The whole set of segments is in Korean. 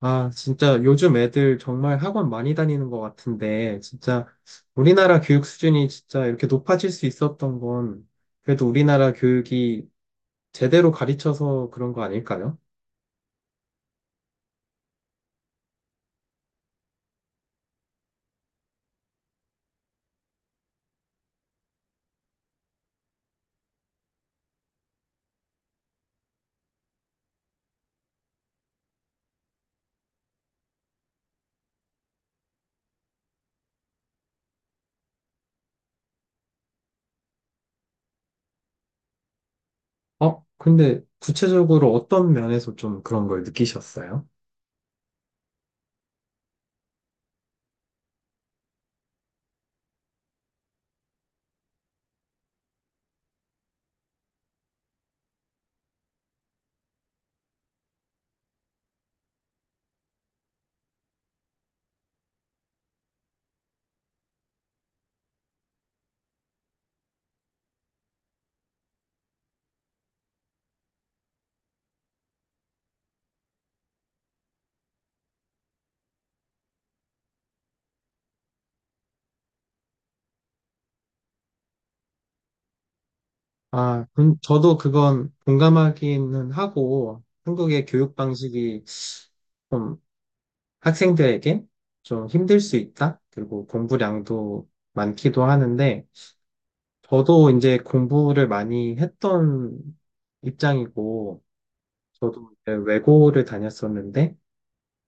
아, 진짜 요즘 애들 정말 학원 많이 다니는 것 같은데, 진짜 우리나라 교육 수준이 진짜 이렇게 높아질 수 있었던 건 그래도 우리나라 교육이 제대로 가르쳐서 그런 거 아닐까요? 근데 구체적으로 어떤 면에서 좀 그런 걸 느끼셨어요? 아, 저도 그건 공감하기는 하고 한국의 교육 방식이 좀 학생들에게 좀 힘들 수 있다. 그리고 공부량도 많기도 하는데, 저도 이제 공부를 많이 했던 입장이고, 저도 이제 외고를 다녔었는데,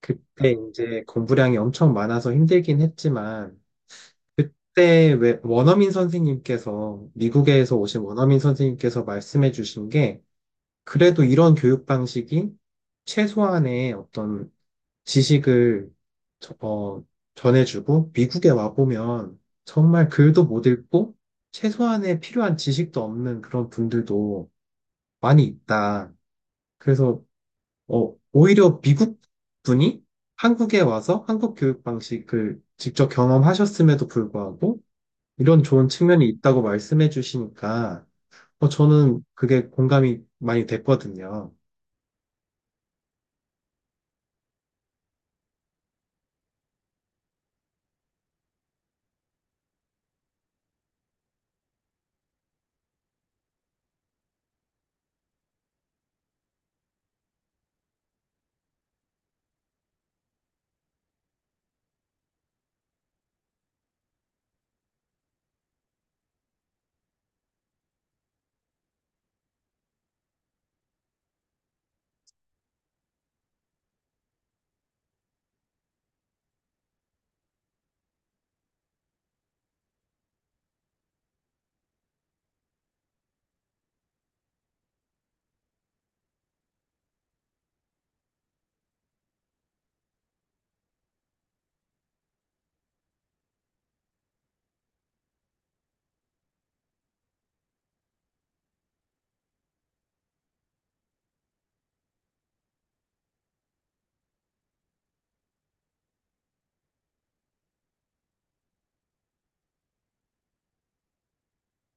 그때 이제 공부량이 엄청 많아서 힘들긴 했지만, 그때 왜 원어민 선생님께서, 미국에서 오신 원어민 선생님께서 말씀해 주신 게, 그래도 이런 교육 방식이 최소한의 어떤 지식을 저- 어, 전해주고 미국에 와보면 정말 글도 못 읽고 최소한의 필요한 지식도 없는 그런 분들도 많이 있다. 그래서 오히려 미국 분이 한국에 와서 한국 교육 방식을 직접 경험하셨음에도 불구하고 이런 좋은 측면이 있다고 말씀해 주시니까 저는 그게 공감이 많이 됐거든요.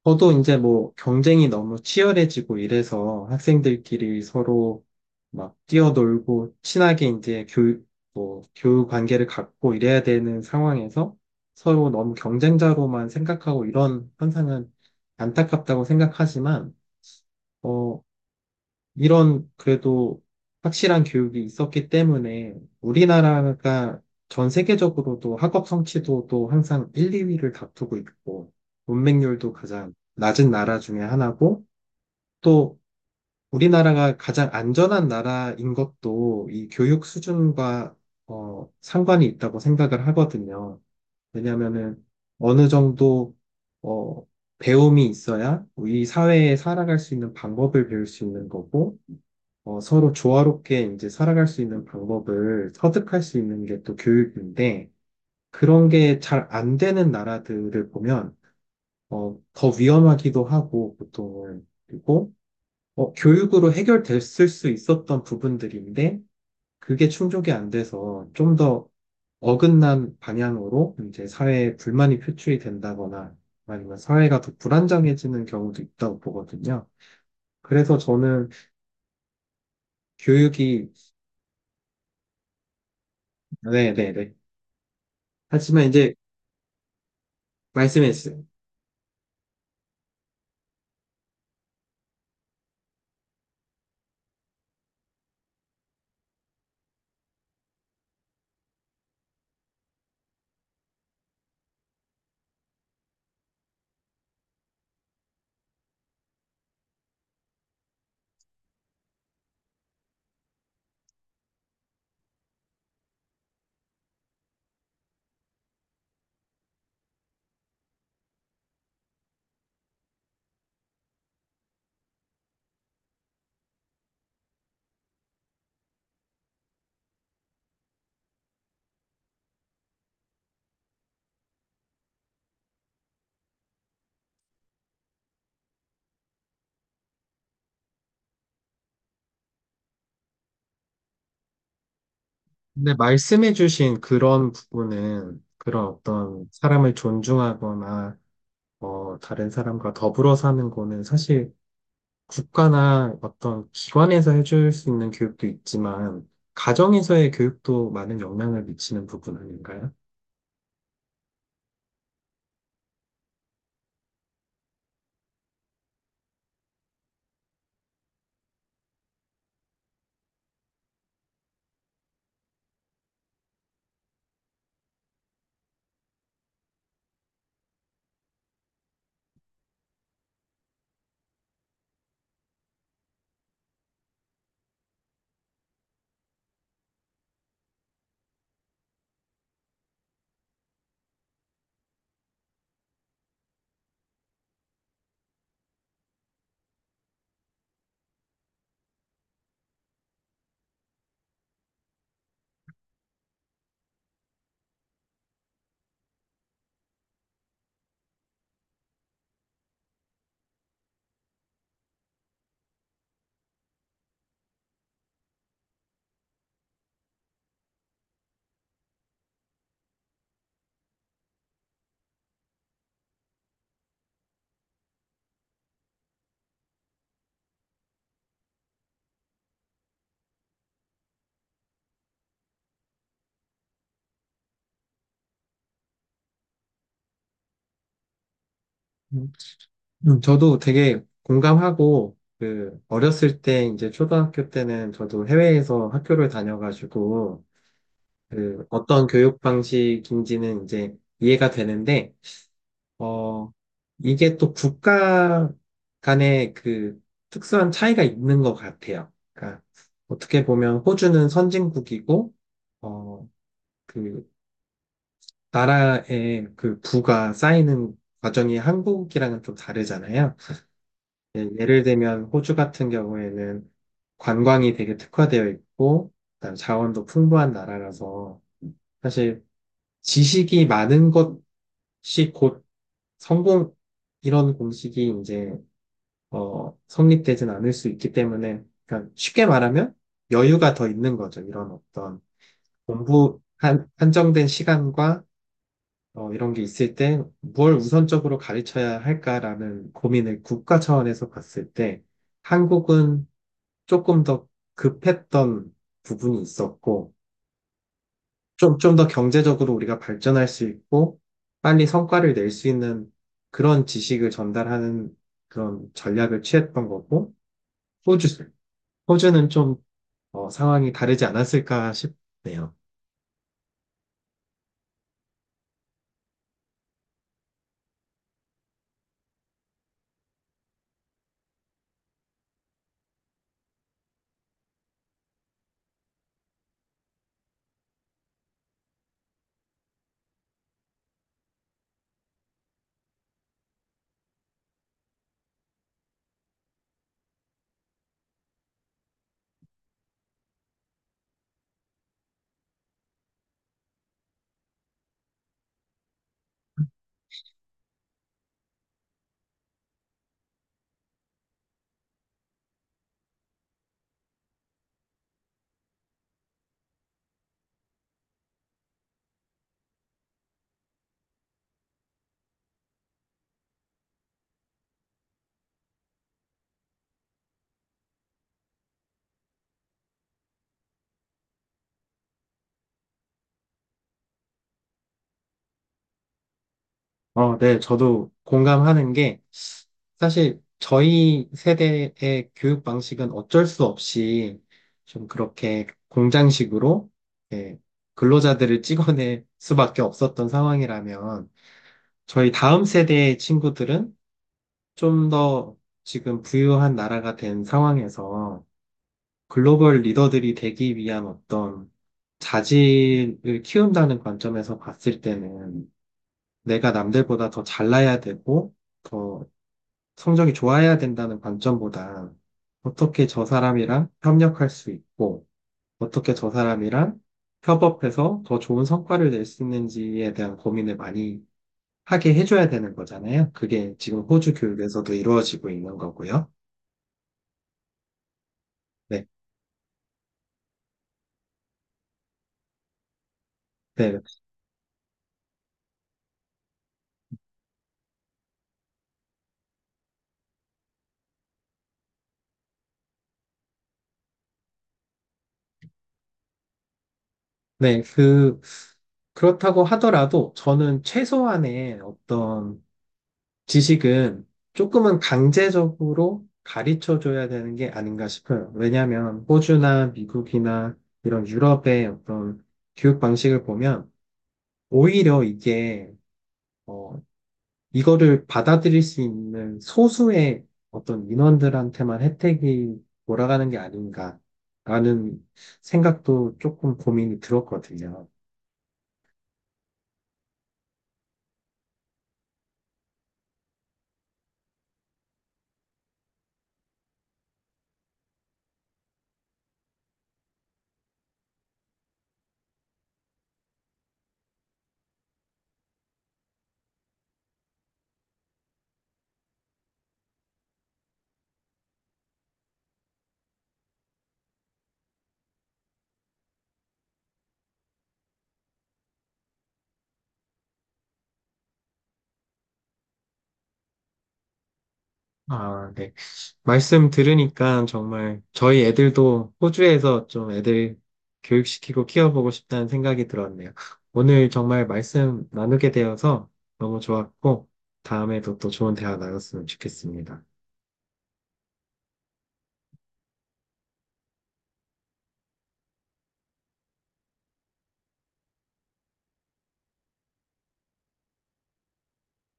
저도 이제 뭐 경쟁이 너무 치열해지고 이래서 학생들끼리 서로 막 뛰어놀고 친하게 이제 교육 관계를 갖고 이래야 되는 상황에서 서로 너무 경쟁자로만 생각하고 이런 현상은 안타깝다고 생각하지만, 어, 이런 그래도 확실한 교육이 있었기 때문에 우리나라가 전 세계적으로도 학업 성취도도 항상 1, 2위를 다투고 있고 문맹률도 가장 낮은 나라 중에 하나고 또 우리나라가 가장 안전한 나라인 것도 이 교육 수준과 상관이 있다고 생각을 하거든요. 왜냐하면은 어느 정도 어, 배움이 있어야 이 사회에 살아갈 수 있는 방법을 배울 수 있는 거고 서로 조화롭게 이제 살아갈 수 있는 방법을 터득할 수 있는 게 또 교육인데, 그런 게 잘 안 되는 나라들을 보면, 더 위험하기도 하고, 보통은. 그리고, 교육으로 해결됐을 수 있었던 부분들인데, 그게 충족이 안 돼서 좀 더 어긋난 방향으로 이제 사회에 불만이 표출이 된다거나, 아니면 사회가 더 불안정해지는 경우도 있다고 보거든요. 그래서 저는 교육이, 네네네. 하지만 이제 말씀해주요 근데 말씀해주신 그런 부분은 그런 어떤 사람을 존중하거나 다른 사람과 더불어 사는 거는 사실 국가나 어떤 기관에서 해줄 수 있는 교육도 있지만 가정에서의 교육도 많은 영향을 미치는 부분 아닌가요? 음. 저도 되게 공감하고 그 어렸을 때 이제 초등학교 때는 저도 해외에서 학교를 다녀가지고 그 어떤 교육 방식인지는 이제 이해가 되는데 어, 이게 또 국가 간의 그 특수한 차이가 있는 것 같아요. 그러니까 어떻게 보면 호주는 선진국이고, 어, 그 나라의 그 부가 쌓이는 과정이 한국이랑은 좀 다르잖아요. 예, 예를 들면 호주 같은 경우에는 관광이 되게 특화되어 있고, 그다음 자원도 풍부한 나라라서 사실 지식이 많은 것이 곧 성공, 이런 공식이 성립되진 않을 수 있기 때문에, 그러니까 쉽게 말하면 여유가 더 있는 거죠. 이런 어떤 공부 한정된 시간과 이런 게 있을 때 뭘 우선적으로 가르쳐야 할까라는 고민을 국가 차원에서 봤을 때 한국은 조금 더 급했던 부분이 있었고, 좀 더 경제적으로 우리가 발전할 수 있고, 빨리 성과를 낼 수 있는 그런 지식을 전달하는 그런 전략을 취했던 거고, 호주, 호주는 좀 상황이 다르지 않았을까 싶네요. 네, 저도 공감하는 게 사실 저희 세대의 교육 방식은 어쩔 수 없이 좀 그렇게 공장식으로 예, 근로자들을 찍어낼 수밖에 없었던 상황이라면 저희 다음 세대의 친구들은 좀 더 지금 부유한 나라가 된 상황에서 글로벌 리더들이 되기 위한 어떤 자질을 키운다는 관점에서 봤을 때는 내가 남들보다 더 잘나야 되고 더 성적이 좋아야 된다는 관점보다 어떻게 저 사람이랑 협력할 수 있고 어떻게 저 사람이랑 협업해서 더 좋은 성과를 낼 수 있는지에 대한 고민을 많이 하게 해줘야 되는 거잖아요. 그게 지금 호주 교육에서도 이루어지고 있는 거고요. 네, 네, 네, 그렇다고 하더라도 저는 최소한의 어떤 지식은 조금은 강제적으로 가르쳐 줘야 되는 게 아닌가 싶어요. 왜냐하면 호주나 미국이나 이런 유럽의 어떤 교육 방식을 보면 오히려 이게 어, 이거를 받아들일 수 있는 소수의 어떤 인원들한테만 혜택이 돌아가는 게 아닌가라는 생각도 조금 고민이 들었거든요. 아, 네. 말씀 들으니까 정말 저희 애들도 호주에서 좀 애들 교육시키고 키워보고 싶다는 생각이 들었네요. 오늘 정말 말씀 나누게 되어서 너무 좋았고, 다음에도 또 좋은 대화 나눴으면 좋겠습니다.